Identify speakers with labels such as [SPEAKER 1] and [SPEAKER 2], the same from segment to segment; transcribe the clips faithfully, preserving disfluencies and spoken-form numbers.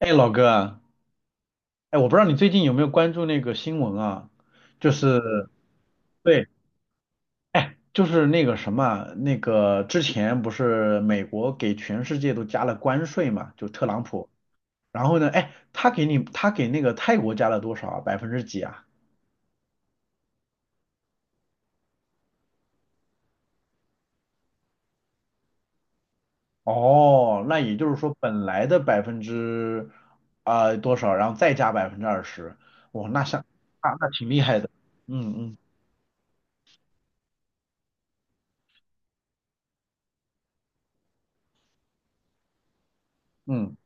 [SPEAKER 1] 哎，老哥啊，哎，我不知道你最近有没有关注那个新闻啊？就是，对，哎，就是那个什么，那个之前不是美国给全世界都加了关税嘛，就特朗普。然后呢，哎，他给你，他给那个泰国加了多少啊百分之几啊？哦，那也就是说本来的百分之啊多少，然后再加百分之二十，哇，那像，那那挺厉害的。嗯嗯嗯，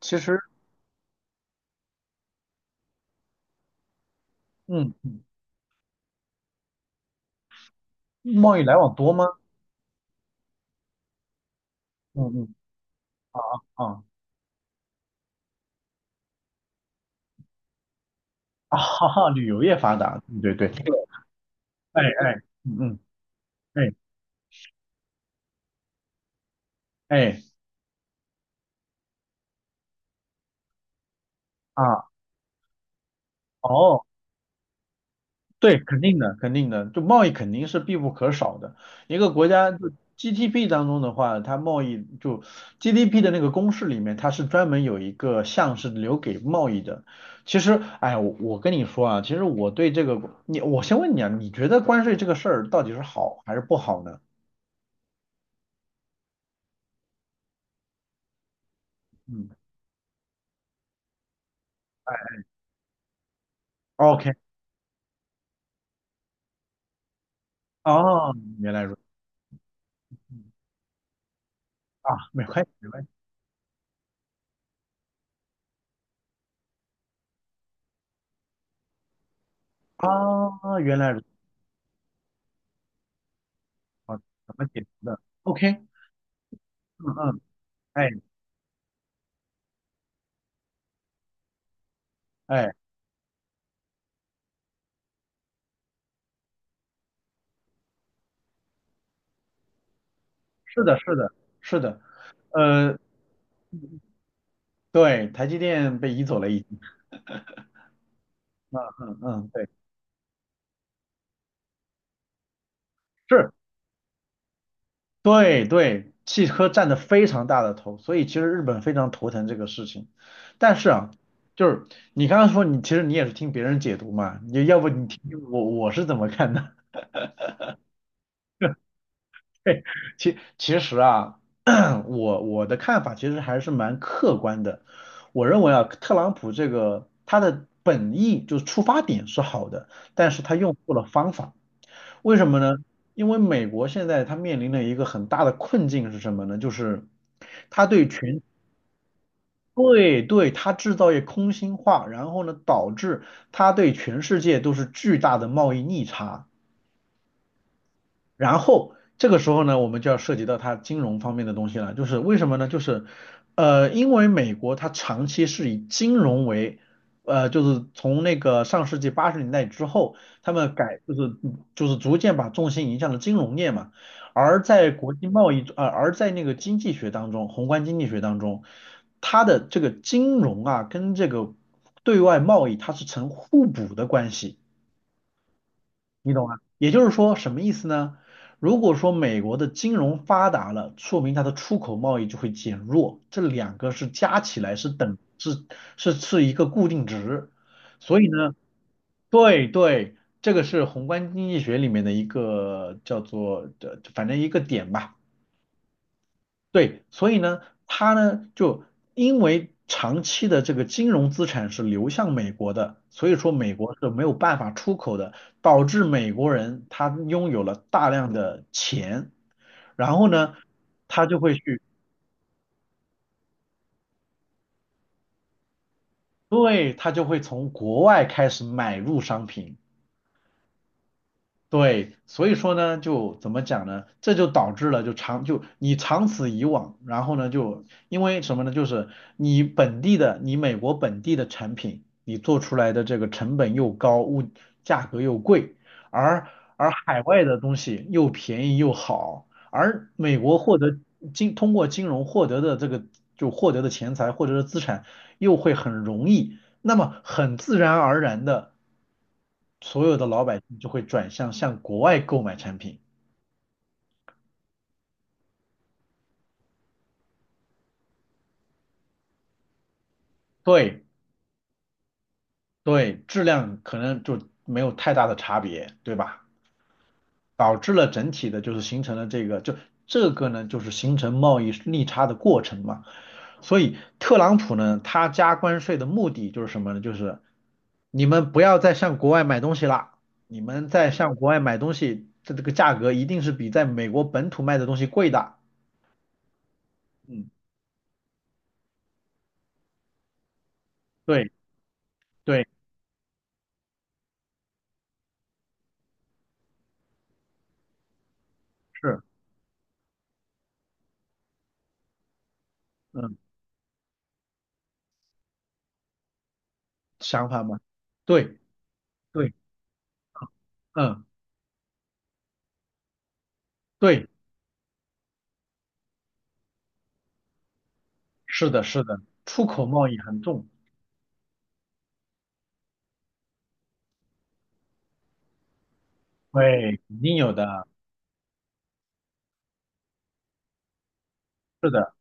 [SPEAKER 1] 其实，嗯，贸易来往多吗？嗯嗯。啊。啊，哈哈，旅游业发达，对对对，哎哎，嗯嗯，哎哎啊，哦，对，肯定的，肯定的，就贸易肯定是必不可少的。一个国家就 G D P 当中的话，它贸易就 G D P 的那个公式里面，它是专门有一个项是留给贸易的。其实，哎，我我跟你说啊，其实我对这个，你我先问你啊，你觉得关税这个事儿到底是好还是不好呢？嗯，OK，哦，原来如此嗯啊，没关系，没关系啊，原来如此啊，怎么解决的？OK，嗯嗯，哎哎，是的，是的，是的，呃，对，台积电被移走了已经，嗯嗯嗯，对，是，对对，汽车占的非常大的头，所以其实日本非常头疼这个事情。但是啊，就是你刚刚说你其实你也是听别人解读嘛，你要不你听听我我是怎么看的？嘿其其实啊，我我的看法其实还是蛮客观的。我认为啊，特朗普这个他的本意就是出发点是好的，但是他用错了方法。为什么呢？因为美国现在他面临的一个很大的困境是什么呢？就是他对全对对，他制造业空心化，然后呢，导致他对全世界都是巨大的贸易逆差。然后这个时候呢，我们就要涉及到它金融方面的东西了，就是为什么呢？就是，呃，因为美国它长期是以金融为，呃，就是从那个上世纪八十年代之后，他们改就是就是逐渐把重心移向了金融业嘛，而在国际贸易，呃，而在那个经济学当中，宏观经济学当中，它的这个金融啊跟这个对外贸易它是成互补的关系。你懂吗？也就是说，什么意思呢？如果说美国的金融发达了，说明它的出口贸易就会减弱，这两个是加起来是等是是是一个固定值，所以呢，对对，这个是宏观经济学里面的一个叫做的，反正一个点吧。对，所以呢，他呢就因为长期的这个金融资产是流向美国的，所以说美国是没有办法出口的，导致美国人他拥有了大量的钱，然后呢，他就会去，对，他就会从国外开始买入商品。对，所以说呢，就怎么讲呢？这就导致了，就长就你长此以往，然后呢，就因为什么呢？就是你本地的，你美国本地的产品，你做出来的这个成本又高，物价格又贵，而而海外的东西又便宜又好，而美国获得金通过金融获得的这个就获得的钱财获得的资产又会很容易，那么很自然而然的。所有的老百姓就会转向向国外购买产品。对对，质量可能就没有太大的差别，对吧？导致了整体的就是形成了这个，就这个呢，就是形成贸易逆差的过程嘛。所以特朗普呢，他加关税的目的就是什么呢？就是你们不要再向国外买东西啦，你们在向国外买东西，这这个价格一定是比在美国本土卖的东西贵的。嗯，对对是，嗯。想法吗？对对，嗯，对，是的，是的，出口贸易很重，对，肯定有的，是的，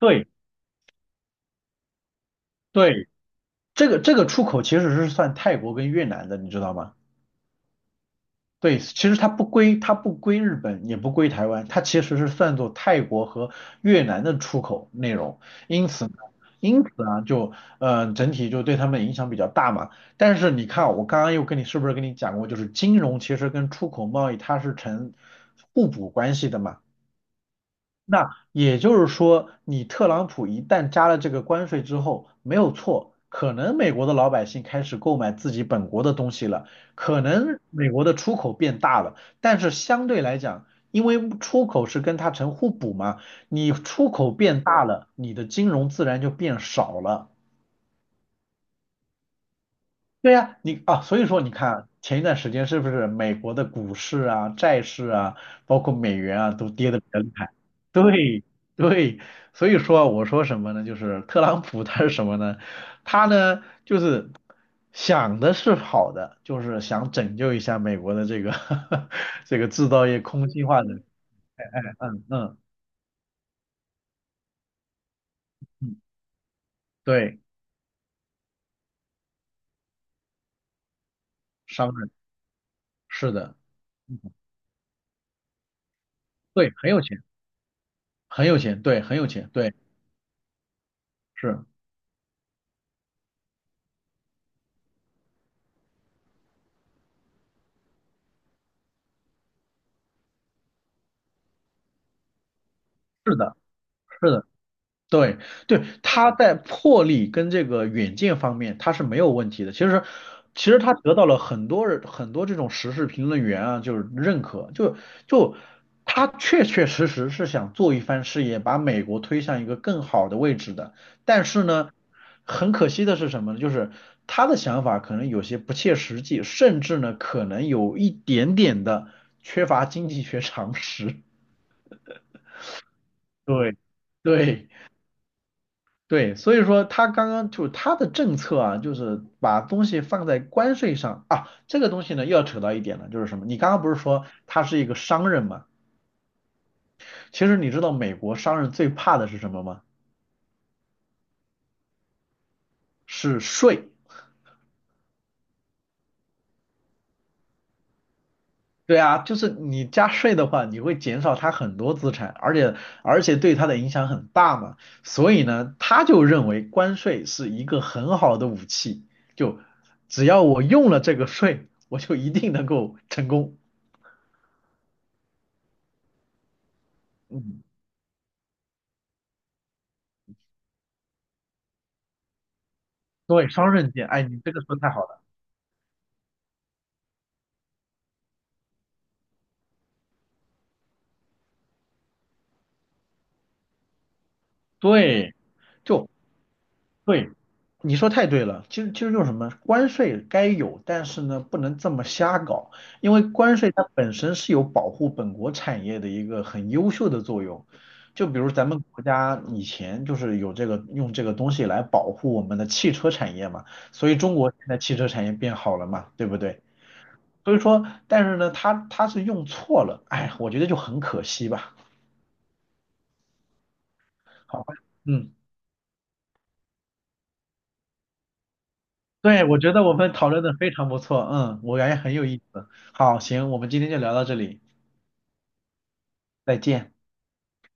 [SPEAKER 1] 对对，这个这个出口其实是算泰国跟越南的，你知道吗？对，其实它不归，它不归日本，也不归台湾，它其实是算作泰国和越南的出口内容。因此呢，因此啊，就嗯，整体就对他们影响比较大嘛。但是你看啊，我刚刚又跟你是不是跟你讲过，就是金融其实跟出口贸易它是成互补关系的嘛。那也就是说，你特朗普一旦加了这个关税之后，没有错，可能美国的老百姓开始购买自己本国的东西了，可能美国的出口变大了，但是相对来讲，因为出口是跟它成互补嘛，你出口变大了，你的金融自然就变少了。对呀，你啊，所以说你看前一段时间是不是美国的股市啊、债市啊，包括美元啊，都跌得比较厉害。对对，所以说我说什么呢？就是特朗普 他是什么呢？他呢就是想的是好的，就是想拯救一下美国的这个 这个制造业空心化的，嗯嗯嗯，对，商人是的，嗯对，很有钱，很有钱，对，很有钱，对，是是的，是的。对对，他在魄力跟这个远见方面他是没有问题的。其实，其实他得到了很多人很多这种时事评论员啊，就是认可，就就他确确实实是想做一番事业，把美国推向一个更好的位置的。但是呢，很可惜的是什么呢？就是他的想法可能有些不切实际，甚至呢可能有一点点的缺乏经济学常识。对对。对，所以说他刚刚就是他的政策啊，就是把东西放在关税上啊。这个东西呢，又要扯到一点了，就是什么？你刚刚不是说他是一个商人嘛？其实你知道美国商人最怕的是什么吗？是税。对啊，就是你加税的话，你会减少他很多资产，而且而且对他的影响很大嘛。所以呢，他就认为关税是一个很好的武器，就只要我用了这个税，我就一定能够成功。嗯对，双刃剑，哎，你这个说得太好了，对，就对，你说太对了，其实其实就是什么，关税该有，但是呢，不能这么瞎搞，因为关税它本身是有保护本国产业的一个很优秀的作用，就比如咱们国家以前就是有这个用这个东西来保护我们的汽车产业嘛，所以中国现在汽车产业变好了嘛，对不对？所以说，但是呢，它它是用错了，哎，我觉得就很可惜吧，好吧，嗯。对，我觉得我们讨论的非常不错，嗯，我感觉很有意思。好，行，我们今天就聊到这里，再见。